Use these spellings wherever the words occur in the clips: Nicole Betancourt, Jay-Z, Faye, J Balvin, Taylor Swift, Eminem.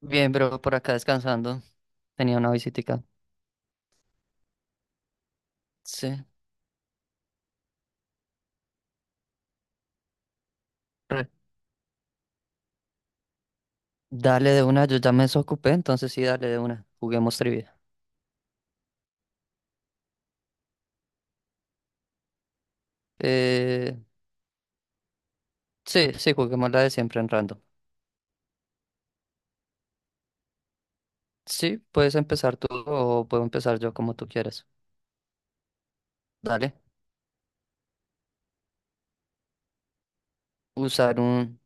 Bien, bro, por acá descansando. Tenía una visitica. Sí. Re- Dale de una, yo ya me desocupé, entonces sí, dale de una. Juguemos trivia. Eh, sí, sí, juguemos la de siempre en random. Sí, puedes empezar tú o puedo empezar yo como tú quieras. Dale. Usar un...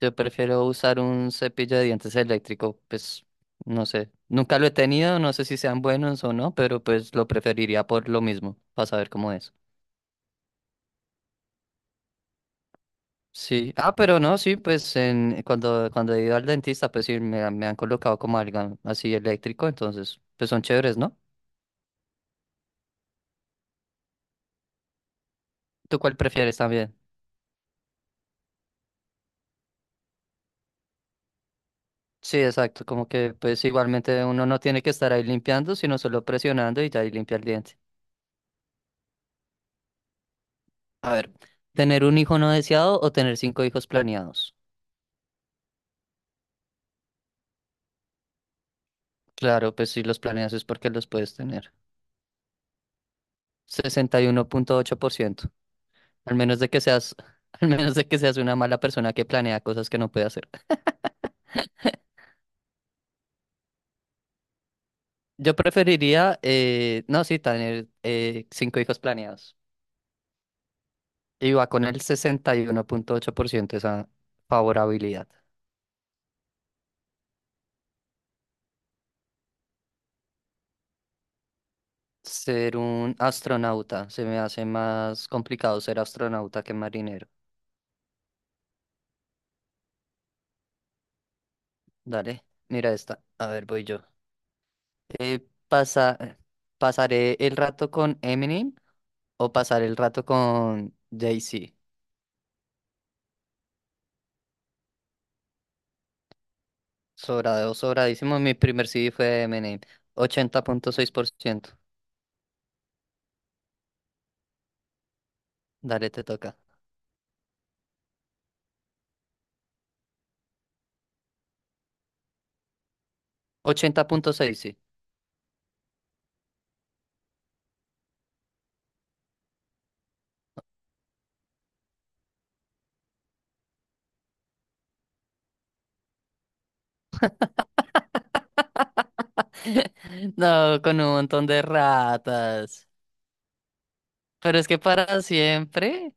Yo prefiero usar un cepillo de dientes eléctrico, pues no sé. Nunca lo he tenido, no sé si sean buenos o no, pero pues lo preferiría por lo mismo, para saber cómo es. Sí, ah, pero no, sí, pues cuando he ido al dentista, pues sí, me han colocado como algo así eléctrico, entonces, pues son chéveres, ¿no? ¿Tú cuál prefieres también? Sí, exacto, como que pues igualmente uno no tiene que estar ahí limpiando, sino solo presionando y ya ahí limpia el diente. A ver, ¿tener un hijo no deseado o tener cinco hijos planeados? Claro, pues si los planeas es porque los puedes tener. 61,8%, al menos de que seas, al menos de que seas una mala persona que planea cosas que no puede hacer. Yo preferiría, no, sí, tener cinco hijos planeados. Y va con el 61,8% esa favorabilidad. Ser un astronauta, se me hace más complicado ser astronauta que marinero. Dale, mira esta. A ver, voy yo. Eh, pasa, ¿Pasaré el rato con Eminem o pasar el rato con Jay-Z? Sobrado, sobradísimo. Mi primer CD fue Eminem. 80,6%. Dale, te toca. 80,6. No, con un montón de ratas. Pero es que para siempre,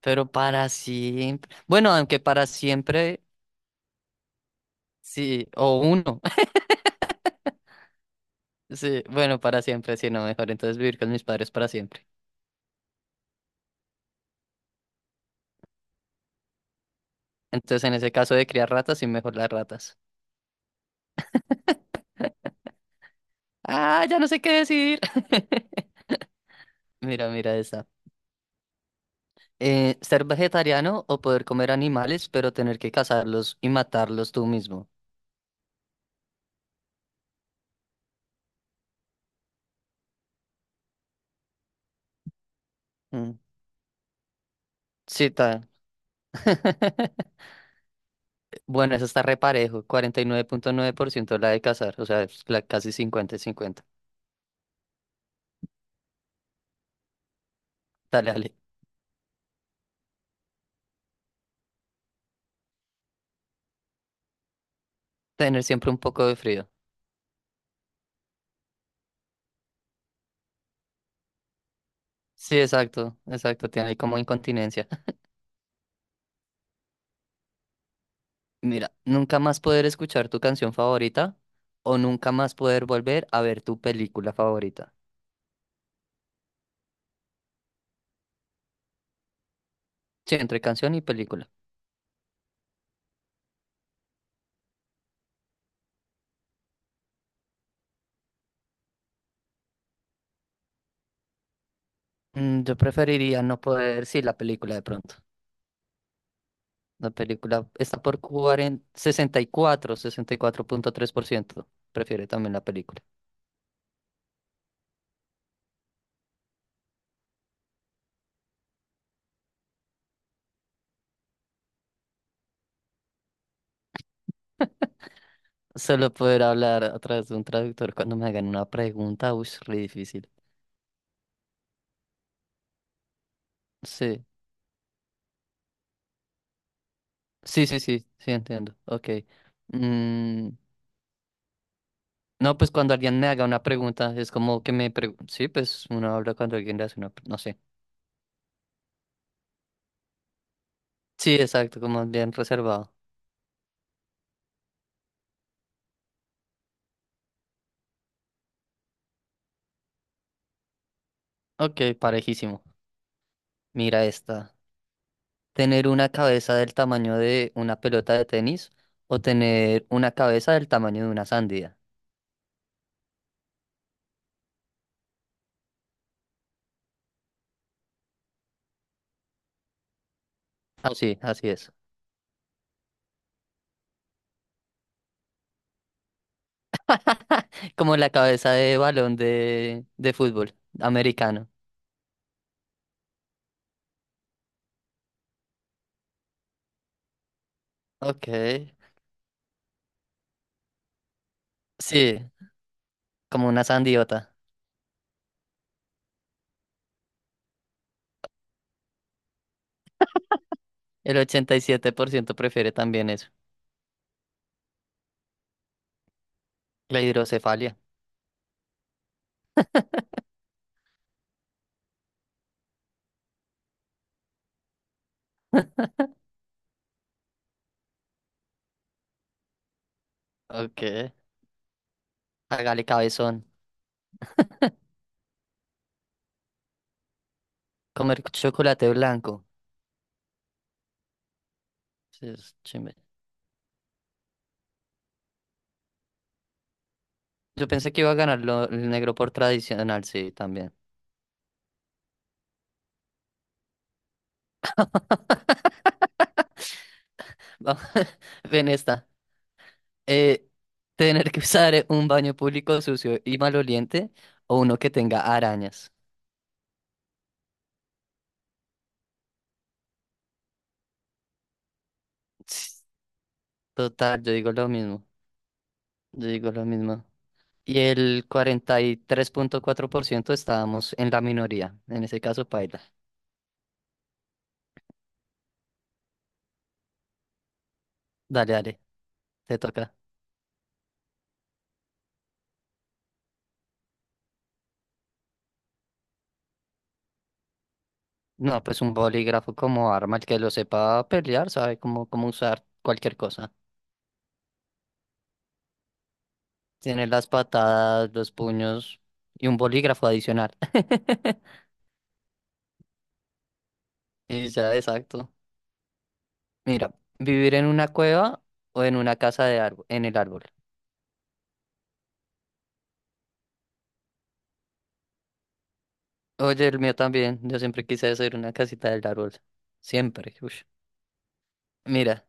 pero para siempre. Bueno, aunque para siempre, sí, o uno. Sí, bueno, para siempre, sí, no, mejor entonces vivir con mis padres para siempre. Entonces, en ese caso de criar ratas, sí, mejor las ratas. Ah, ya no sé qué decir. Mira, mira esta. Ser vegetariano o poder comer animales, pero tener que cazarlos y matarlos tú mismo. Mm, sí, tal. Bueno, eso está reparejo, cuarenta y nueve punto nueve por ciento la de cazar, o sea, es la casi 50 cincuenta. Dale, dale. Tener siempre un poco de frío. Sí, exacto, exacto, tiene ahí como incontinencia. Mira, nunca más poder escuchar tu canción favorita o nunca más poder volver a ver tu película favorita. Sí, entre canción y película. Yo preferiría no poder, sí, la película de pronto. La película está por 64,3%. Prefiere también la película. Solo poder hablar a través de un traductor cuando me hagan una pregunta, uy, es re difícil. Sí, sí, sí, sí, sí, entiendo. Ok. Mm, no, pues cuando alguien me haga una pregunta, es como que me pregunta. Sí, pues uno habla cuando alguien le hace una. No sé. Sí, exacto, como bien reservado. Ok, parejísimo. Mira esta. ¿Tener una cabeza del tamaño de una pelota de tenis o tener una cabeza del tamaño de una sandía? Ah, sí, así es. Como la cabeza de balón de fútbol americano. Ok. Sí, como una sandiota. El 87% prefiere también eso. La hidrocefalia. Ok. Hágale, cabezón. Comer chocolate blanco. Sí, es chimbe. Yo pensé que iba a ganar el negro por tradicional, sí, también. Va- Ven esta. Eh, Tener que usar un baño público sucio y maloliente o uno que tenga arañas. Ts, total, yo digo lo mismo. Yo digo lo mismo. Y el 43,4% estábamos en la minoría. En ese caso, paila. Dale, dale, te toca. No, pues un bolígrafo como arma, el que lo sepa pelear, sabe cómo, cómo usar cualquier cosa. Tiene las patadas, los puños y un bolígrafo adicional. Y ya, exacto. Mira, vivir en una cueva o en una casa de árbol, en el árbol. Oye, el mío también. Yo siempre quise hacer una casita del árbol. Siempre. Ush. Mira,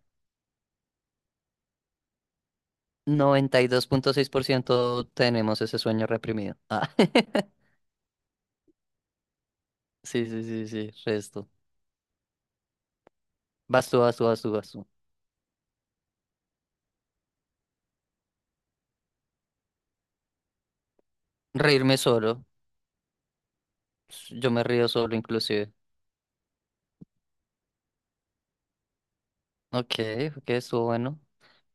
92,6% tenemos ese sueño reprimido. Ah, sí, sí, sí, sí, resto. Vas tú, vas tú, vas tú, vas tú. Reírme solo. Yo me río solo inclusive. Ok, ok, estuvo bueno.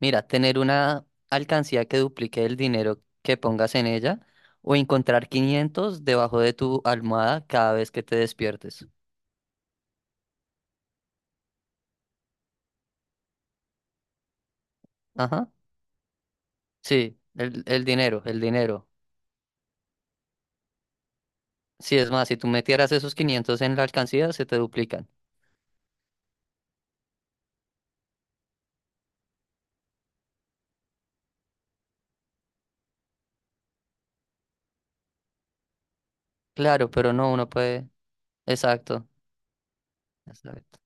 Mira, tener una alcancía que duplique el dinero que pongas en ella o encontrar 500 debajo de tu almohada cada vez que te despiertes. Ajá. Sí, el dinero, el dinero. Sí, es más, si tú metieras esos 500 en la alcancía, se te duplican. Claro, pero no, uno puede... Exacto, exacto.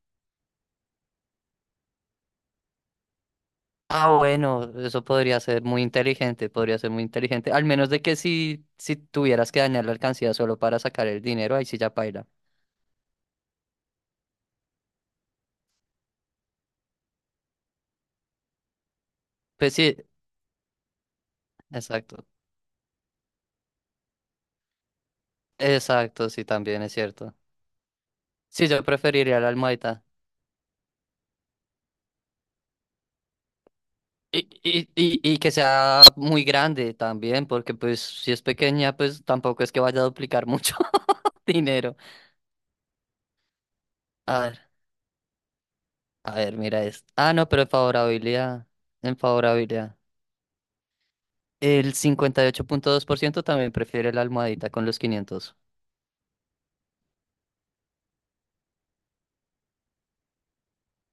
Ah, bueno, eso podría ser muy inteligente, podría ser muy inteligente. Al menos de que si tuvieras que dañar la alcancía solo para sacar el dinero, ahí sí ya paila. Pues sí, exacto. Exacto, sí, también es cierto. Sí, yo preferiría la almohadita. Y que sea muy grande también, porque pues si es pequeña, pues tampoco es que vaya a duplicar mucho dinero. A ver, a ver, mira esto. Ah, no, pero en favorabilidad, en favorabilidad. El 58,2% también prefiere la almohadita con los 500,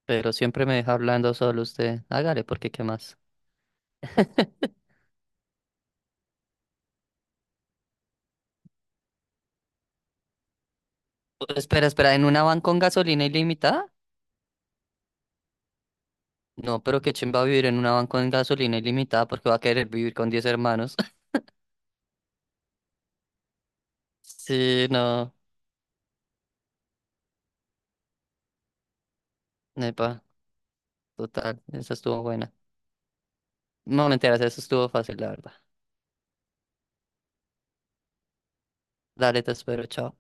pero siempre me deja hablando solo usted. Hágale, porque qué más. Espera, espera, ¿en una van con gasolina ilimitada? No, pero qué va a vivir en una van con gasolina ilimitada porque va a querer vivir con 10 hermanos. Sí, no, nepa, total, esa estuvo buena. No, mentiras, eso estuvo fácil, la verdad. Dale, te espero, chao.